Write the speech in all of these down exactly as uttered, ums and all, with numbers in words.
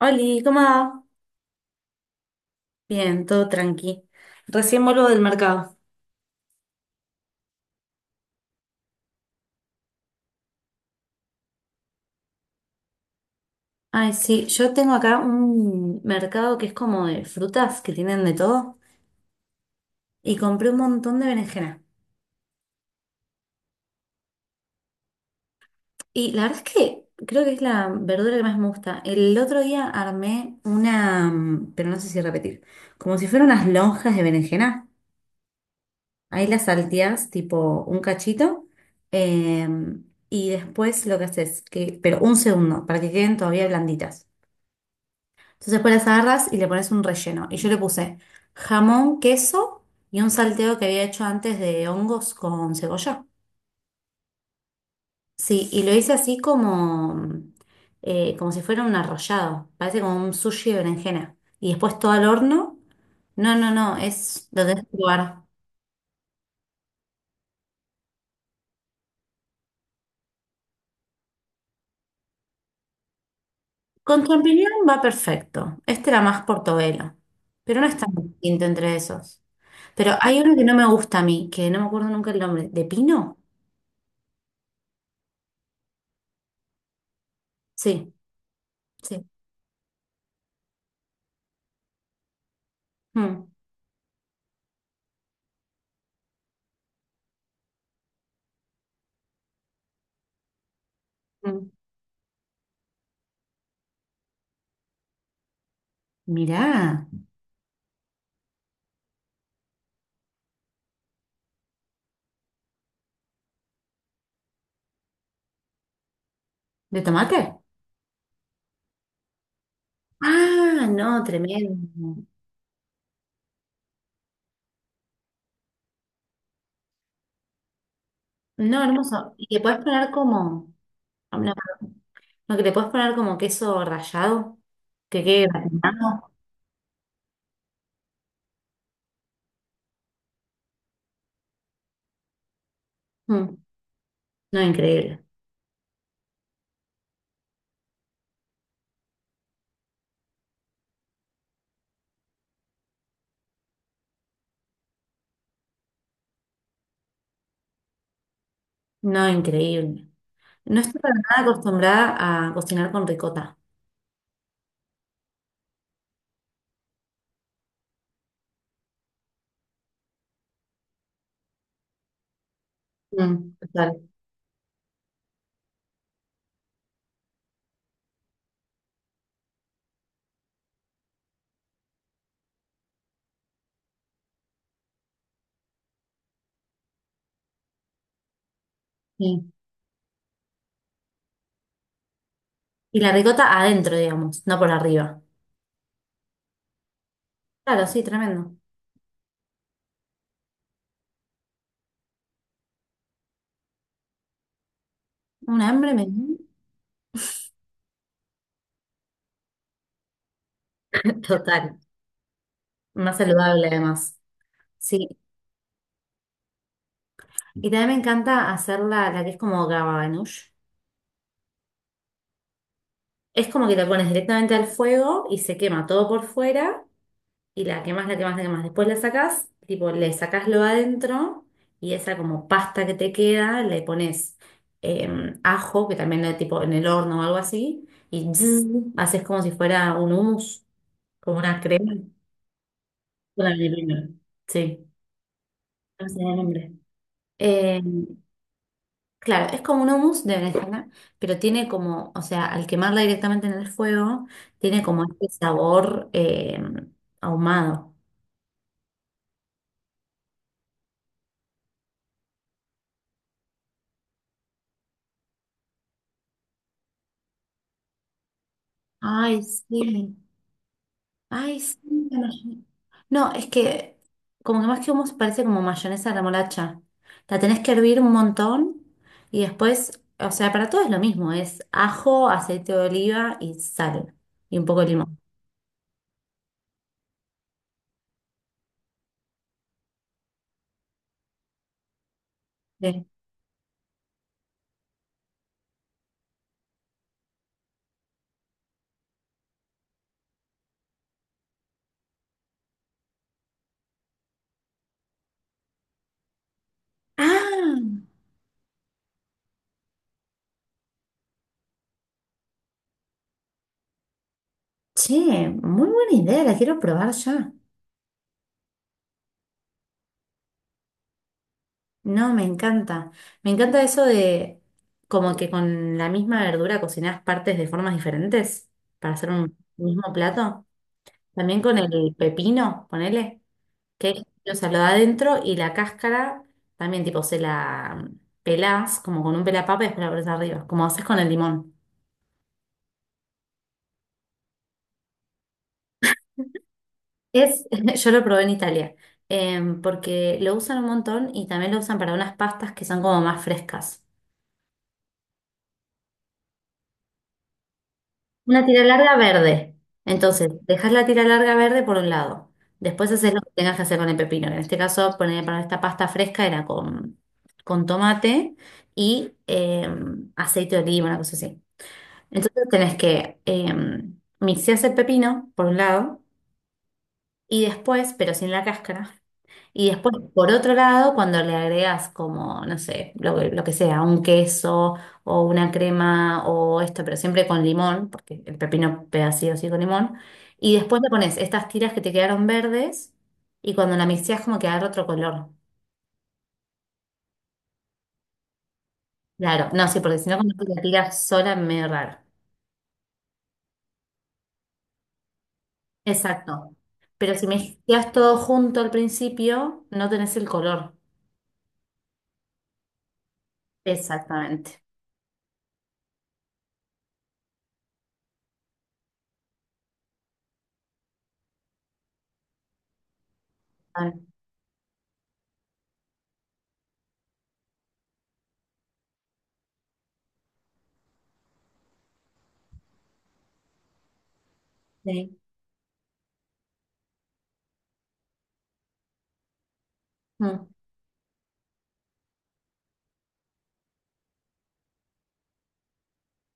Oli, ¿cómo va? Bien, todo tranqui. Recién vuelvo del mercado. Ay, sí, yo tengo acá un mercado que es como de frutas, que tienen de todo, y compré un montón de berenjena. Y la verdad es que creo que es la verdura que más me gusta. El otro día armé una, mm, pero no sé si repetir, como si fueran unas lonjas de berenjena. Ahí las salteás tipo un cachito, em, y después lo que haces, que, pero un segundo, para que queden todavía blanditas. Entonces después las agarras y le pones un relleno. Y yo le puse jamón, queso y un salteo que había hecho antes de hongos con cebolla. Sí, y lo hice así como, eh, como si fuera un arrollado. Parece como un sushi de berenjena. Y después todo al horno. No, no, no, es lo tenés que probar. Con champiñón va perfecto. Este era más portobelo. Pero no es tan distinto entre esos. Pero hay uno que no me gusta a mí, que no me acuerdo nunca el nombre. ¿De pino? Sí, sí. Mm, mm. Mirá, ¿de tomate? Ah, no, tremendo. No, hermoso. ¿Y le puedes poner como, no, no, no, que le puedes poner como queso rallado? Que quede gratinado. Mm. No, increíble. No, increíble. No estoy para nada acostumbrada a cocinar con ricota. Mm, total, sí. Y la ricota adentro, digamos, no por arriba. Claro, sí, tremendo. Un hambre me... dio. Total. Más saludable además. Sí. Y también me encanta hacer la, la que es como gababanush. Es como que la pones directamente al fuego y se quema todo por fuera y la quemas, la quemas, la quemas. Después la sacás, tipo, le sacás lo adentro y esa como pasta que te queda le pones eh, ajo, que también lo tipo en el horno o algo así, y zzz, haces como si fuera un hummus, como una crema. Una melina. Sí, no sé el nombre. Em, Claro, es como un hummus de berenjena, pero tiene como, o sea, al quemarla directamente en el fuego, tiene como este sabor eh, ahumado. Ay, sí. Ay, sí. La mayonesa. No, es que como que más que hummus parece como mayonesa a la molacha. La tenés que hervir un montón y después, o sea, para todo es lo mismo, es ajo, aceite de oliva y sal y un poco de limón. Sí. Ah, che, muy buena idea, la quiero probar ya. No, me encanta. Me encanta eso de como que con la misma verdura cocinás partes de formas diferentes para hacer un mismo plato. También con el pepino, ponele, que o sea, lo da adentro y la cáscara también tipo se la pelás como con un pelapapa y después la pones arriba, como haces con el limón. Es, yo lo probé en Italia, em, porque lo usan un montón y también lo usan para unas pastas que son como más frescas. Una tira larga verde. Entonces, dejas la tira larga verde por un lado. Después haces lo que tengas que hacer con el pepino. Que en este caso, poner para esta pasta fresca era con, con tomate y eh, aceite de oliva, una cosa así. Entonces tenés que eh, mixear el pepino por un lado y después, pero sin la cáscara, y después, por otro lado, cuando le agregas como, no sé, lo, que lo que sea, un queso o una crema o esto, pero siempre con limón, porque el pepino pega sí o sí con limón, y después le pones estas tiras que te quedaron verdes y cuando la mixeas como que agarra otro color. Claro, no, sí, porque si no, cuando tú la tiras sola es medio raro. Exacto. Pero si mezclas todo junto al principio, no tenés el color. Exactamente. Ah, sí. Mm.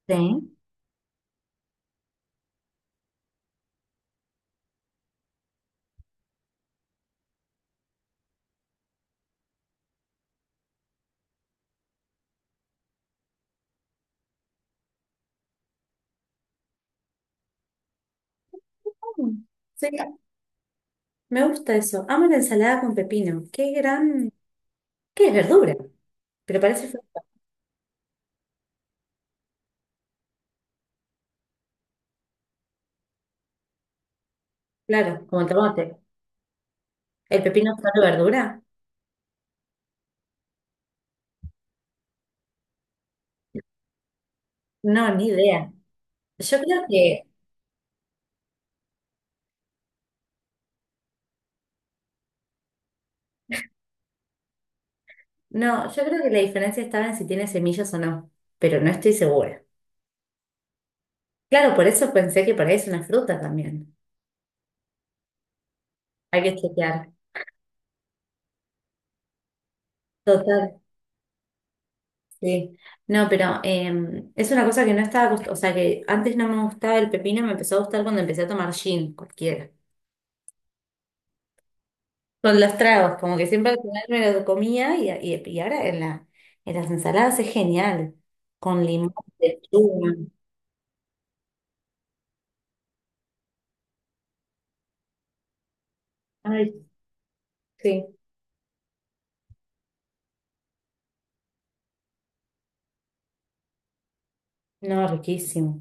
Sí. Mm. Sí, me gusta eso. Amo la ensalada con pepino. Qué gran... ¿Qué es verdura? Pero parece... fr- Claro, como el tomate. ¿El pepino es solo verdura? No, ni idea. Yo creo que... No, yo creo que la diferencia estaba en si tiene semillas o no, pero no estoy segura. Claro, por eso pensé que por ahí es una fruta también. Hay que chequear. Total, sí. No, pero eh, es una cosa que no estaba... acost- O sea, que antes no me gustaba el pepino, me empezó a gustar cuando empecé a tomar gin, cualquiera. Con los tragos, como que siempre al final me lo comía y, y- y ahora en la, en las ensaladas es genial. Con limón, lechuga. Ay, sí. No, riquísimo.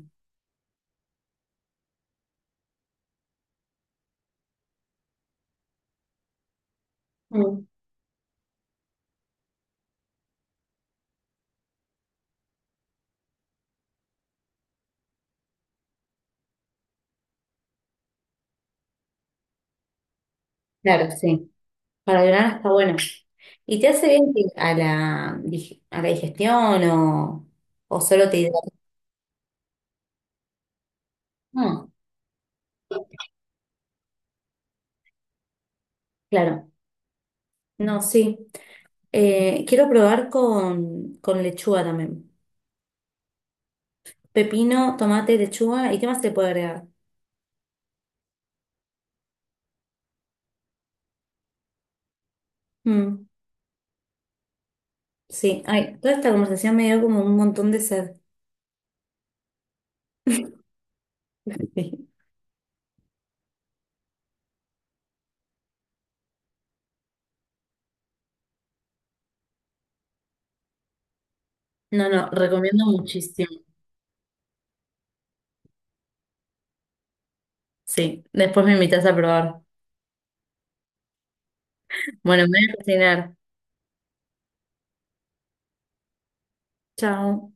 Mm. Claro, sí. Para ayunar está bueno. ¿Y te hace bien que- a la, dig- a la digestión o, o solo te hidrata? Mm, claro. No, sí. Eh, quiero probar con, con lechuga también. Pepino, tomate, lechuga. ¿Y qué más se puede agregar? Mm. Sí, ay, toda esta conversación me dio como un montón de sed. Sí. No, no, recomiendo muchísimo. Sí, después me invitas a probar. Bueno, me voy a cocinar. Chao.